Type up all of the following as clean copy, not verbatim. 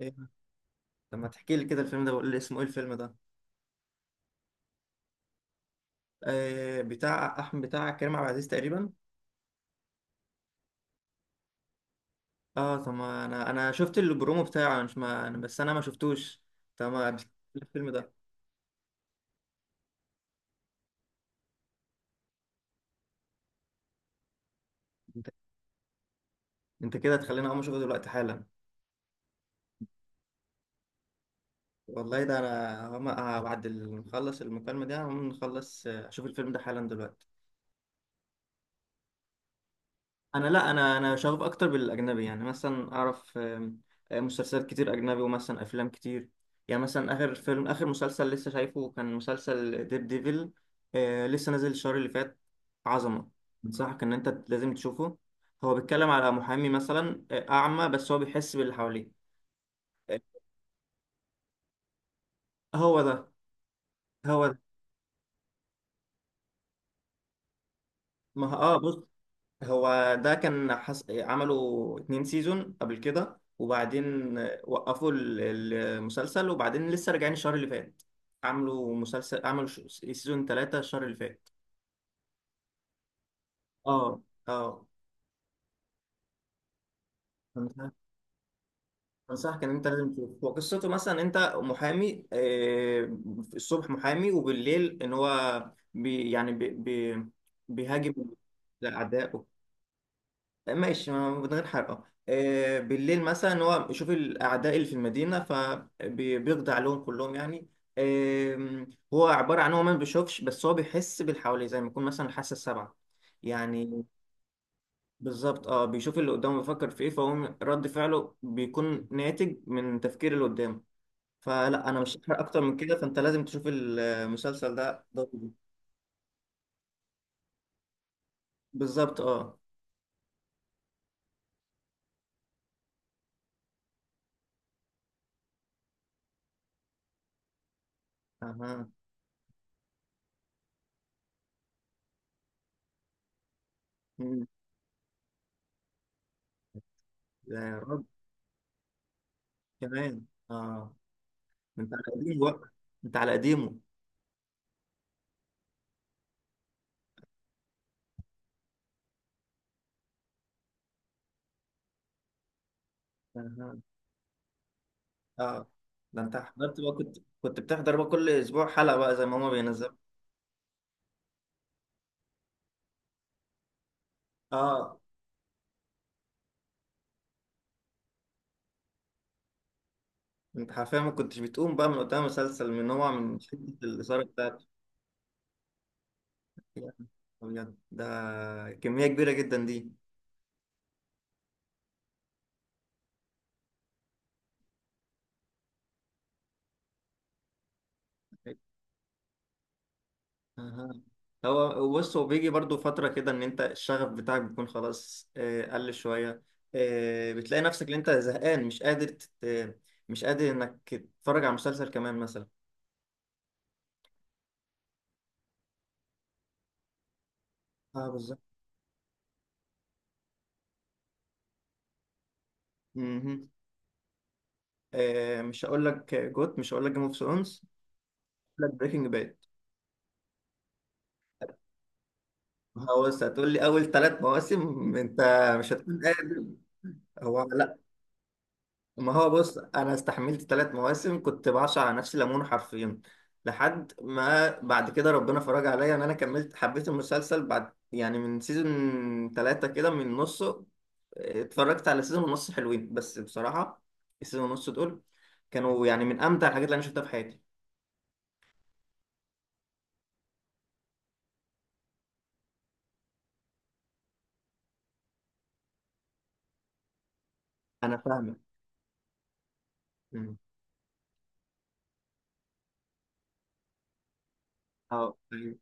إيه؟ طب ما تحكي لي كده الفيلم ده، بقول لي اسمه ايه الفيلم ده؟ آه، بتاع احمد، بتاع كريم عبد العزيز تقريبا. اه، طب ما انا شفت البرومو بتاعه، انا مش ما أنا- بس انا ما شفتوش. طب ما بت- الفيلم ده، انت انت كده تخليني اقوم اشوفه دلوقتي حالا. والله ده انا بعد ما نخلص المكالمة دي هقوم نخلص، اشوف الفيلم ده حالا دلوقتي. انا لا، انا شغوف اكتر بالاجنبي، يعني مثلا اعرف آم، آم، مسلسلات كتير اجنبي، ومثلا افلام كتير. يعني مثلا اخر فيلم، اخر مسلسل لسه شايفه كان مسلسل ديب ديفل. لسه نازل الشهر اللي فات. عظمه. انصحك ان انت لازم تشوفه. هو بيتكلم على محامي مثلا، اعمى، بس هو بيحس باللي حواليه. آه. هو ده. هو ده. ما ه- اه، بص، هو ده كان حس... عملوا اتنين سيزون قبل كده، وبعدين وقفوا المسلسل، وبعدين لسه راجعين الشهر اللي فات. عملوا سيزون ثلاثة الشهر اللي فات. اه، اه. أنصح- انصحك ان انت لازم تشوف. هو قصته مثلا انت محامي، الصبح محامي، وبالليل ان هو بي يعني بي بي بيهاجم الاعداء. ماشي، ما من غير حرقه. بالليل مثلا هو يشوف الاعداء اللي في المدينه فبيقضي عليهم كلهم يعني. آم، هو عباره عن هو ما بيشوفش، بس هو بيحس باللي حواليه زي ما يكون مثلا حاسه السبعه يعني. بالظبط، اه. بيشوف اللي قدامه بيفكر في ايه، فهو رد فعله بيكون ناتج من تفكير اللي قدامه. فلا، انا مش هحرق اكتر من كده، فانت لازم تشوف المسلسل ده ضروري. بالظبط، اه. اها. مم. يا رب. كمان. اه. ده انت على قديمه بقى. انت على قديمه. أها. اه. ده انت حضرت بقى، كنت بتحضر بقى كل اسبوع حلقه بقى زي ما هما بينزلوا. اه. انت حرفيا ما كنتش بتقوم بقى من قدام مسلسل من نوع من شدة الإثارة بتاعته. يا أبيض ده! كمية كبيرة جدا دي. أها. هو بص، هو بيجي برضو فترة كده إن أنت الشغف بتاعك بيكون خلاص، قل شوية. بتلاقي نفسك إن أنت زهقان، مش قادر إنك تتفرج على مسلسل كمان مثلا. اه، بالظبط. مهم. مش هقول لك جيم اوف ثرونز، هقول لك بريكنج باد. هو بص، هتقول لي اول ثلاث مواسم انت مش هتكون قادر. هو لا. ما هو بص، انا استحملت ثلاث مواسم كنت بعصر على نفسي ليمون حرفيا، لحد ما بعد كده ربنا فرج عليا ان انا كملت، حبيت المسلسل بعد يعني من سيزون ثلاثة كده من نصه. اتفرجت على سيزون ونص حلوين بس بصراحة. السيزون ونص دول كانوا يعني من امتع الحاجات اللي انا شفتها في حياتي. انا فاهمك. اه، أيوة،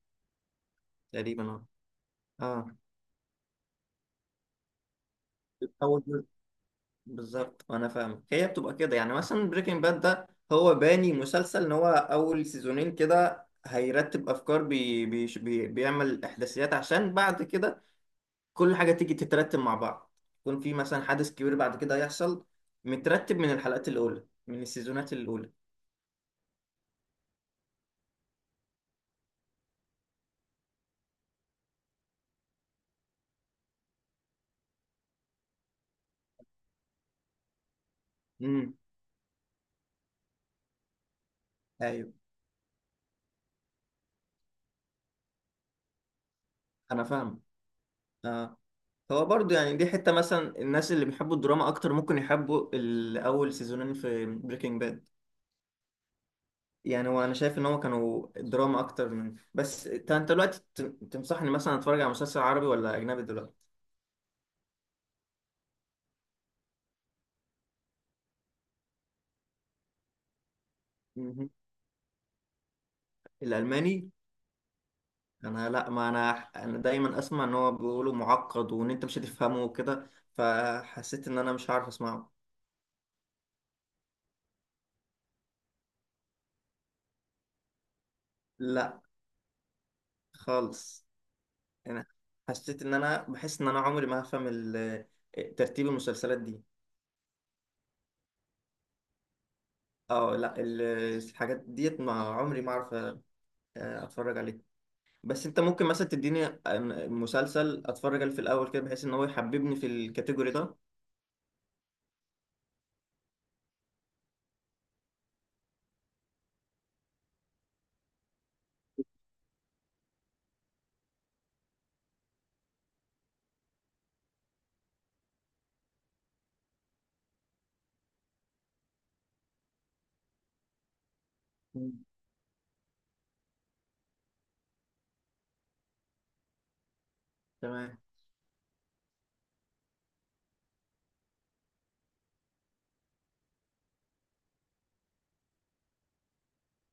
تقريبا، اه. اه. اول جزء. بالظبط، وانا فاهم، هي بتبقى كده يعني. مثلا بريكنج باد ده، هو باني مسلسل ان هو اول سيزونين كده هيرتب افكار، بي بي بي بيعمل احداثيات عشان بعد كده كل حاجه تيجي تترتب مع بعض، يكون في مثلا حدث كبير بعد كده هيحصل مترتب من الحلقات الاولى، من السيزونات الاولى. امم. ايوه. انا فاهم. اه. هو برضو يعني دي حته مثلا الناس اللي بيحبوا الدراما اكتر ممكن يحبوا الاول سيزونين في بريكنج باد. يعني هو انا شايف ان هو كانوا دراما اكتر من، بس انت تنصحني مثلا اتفرج على مسلسل عربي ولا اجنبي دلوقتي؟ مهم. الالماني. انا لا، ما انا، انا دايما اسمع ان هو بيقولوا معقد، وان انت مش هتفهمه وكده، فحسيت ان انا مش عارف اسمعه. لا، خالص. انا حسيت ان انا بحس ان انا عمري ما هفهم ترتيب المسلسلات دي. اه لا، الحاجات ديت ما عمري ما اعرف اتفرج عليها. بس انت ممكن مثلا تديني مسلسل اتفرج عليه في الاول كده، بحيث ان هو يحببني في الكاتيجوري ده. مم. تمام.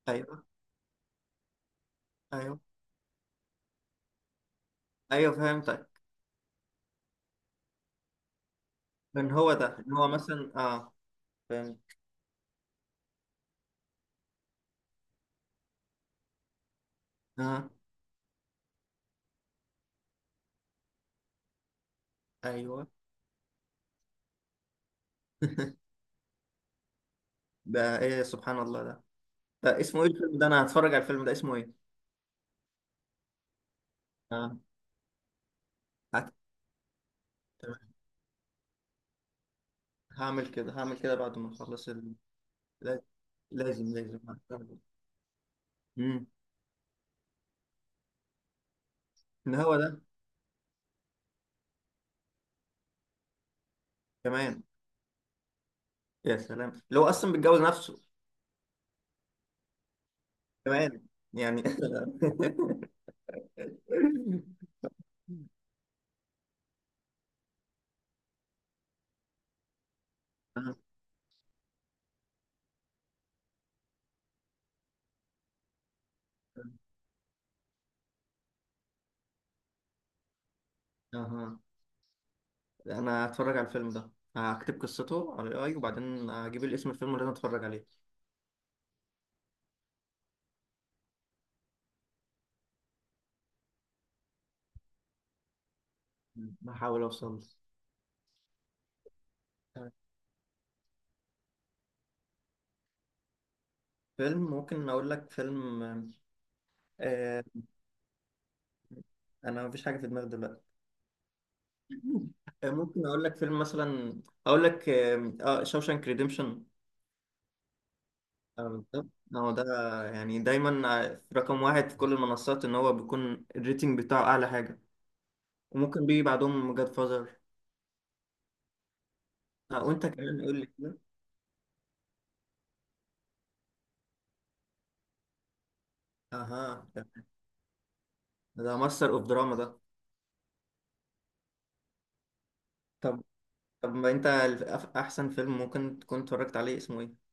ايوه، ايوه، ايوه، فهمتك. ان هو ده، ان هو مثلا اه. فهمت. اه. ايوه. ده ايه سبحان الله ده! ده اسمه ايه الفيلم ده؟ انا هتفرج على الفيلم ده، اسمه ايه؟ اه، هت- تمام. هعمل كده، هعمل كده بعد ما اخلص لا- لازم، لازم. امم. ان هو ده. كمان. يا سلام، اللي هو اصلا بيتجوز نفسه! كمان يعني. آه. اها. انا هتفرج على الفيلم ده، هكتب قصته على الاي، وبعدين هجيب الاسم الفيلم اللي انا اتفرج عليه. هحاول اوصل له. تمام. فيلم، ممكن اقول لك فيلم. آه. انا مفيش حاجه في دماغي دلوقتي. آه، ممكن اقول لك فيلم مثلا. اقول لك، شوشانك ريديمشن. بالظبط، هو ده. يعني دايما في رقم واحد في كل المنصات، ان هو بيكون الريتنج بتاعه اعلى حاجه، وممكن بيجي بعدهم جاد فازر. آه، وانت كمان قول لي كده. اها، ده ماستر اوف دراما ده. طب، طب ما انت ال- أف- احسن فيلم ممكن تكون اتفرجت عليه اسمه ايه؟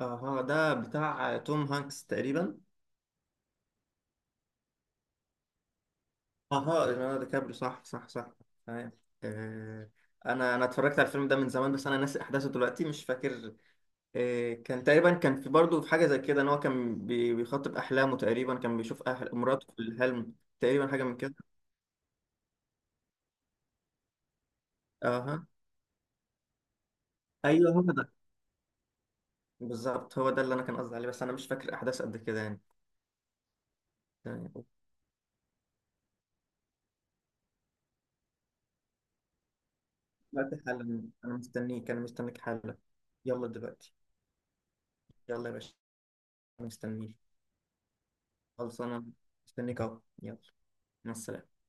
اها، ده بتاع توم هانكس تقريبا. اها، ليوناردو دي كابريو، صح، صح، صح. تمام. آه، انا اتفرجت على الفيلم ده من زمان، بس انا ناسي احداثه دلوقتي، مش فاكر. كان تقريبا، كان في برضه في حاجه زي كده ان هو كان بيخاطب احلامه، تقريبا كان بيشوف مراته في الحلم، تقريبا حاجه من كده. اها. ايوه، هو ده. بالظبط، هو ده اللي انا كان قصدي عليه، بس انا مش فاكر احداث قد كده يعني. تمام. دلوقتي حالا انا مستنيك، انا مستنيك حالا. يلا دلوقتي. يلا يا باشا. انا مستنيك. خلاص، انا مستنيك اهو. يلا، مع السلامة.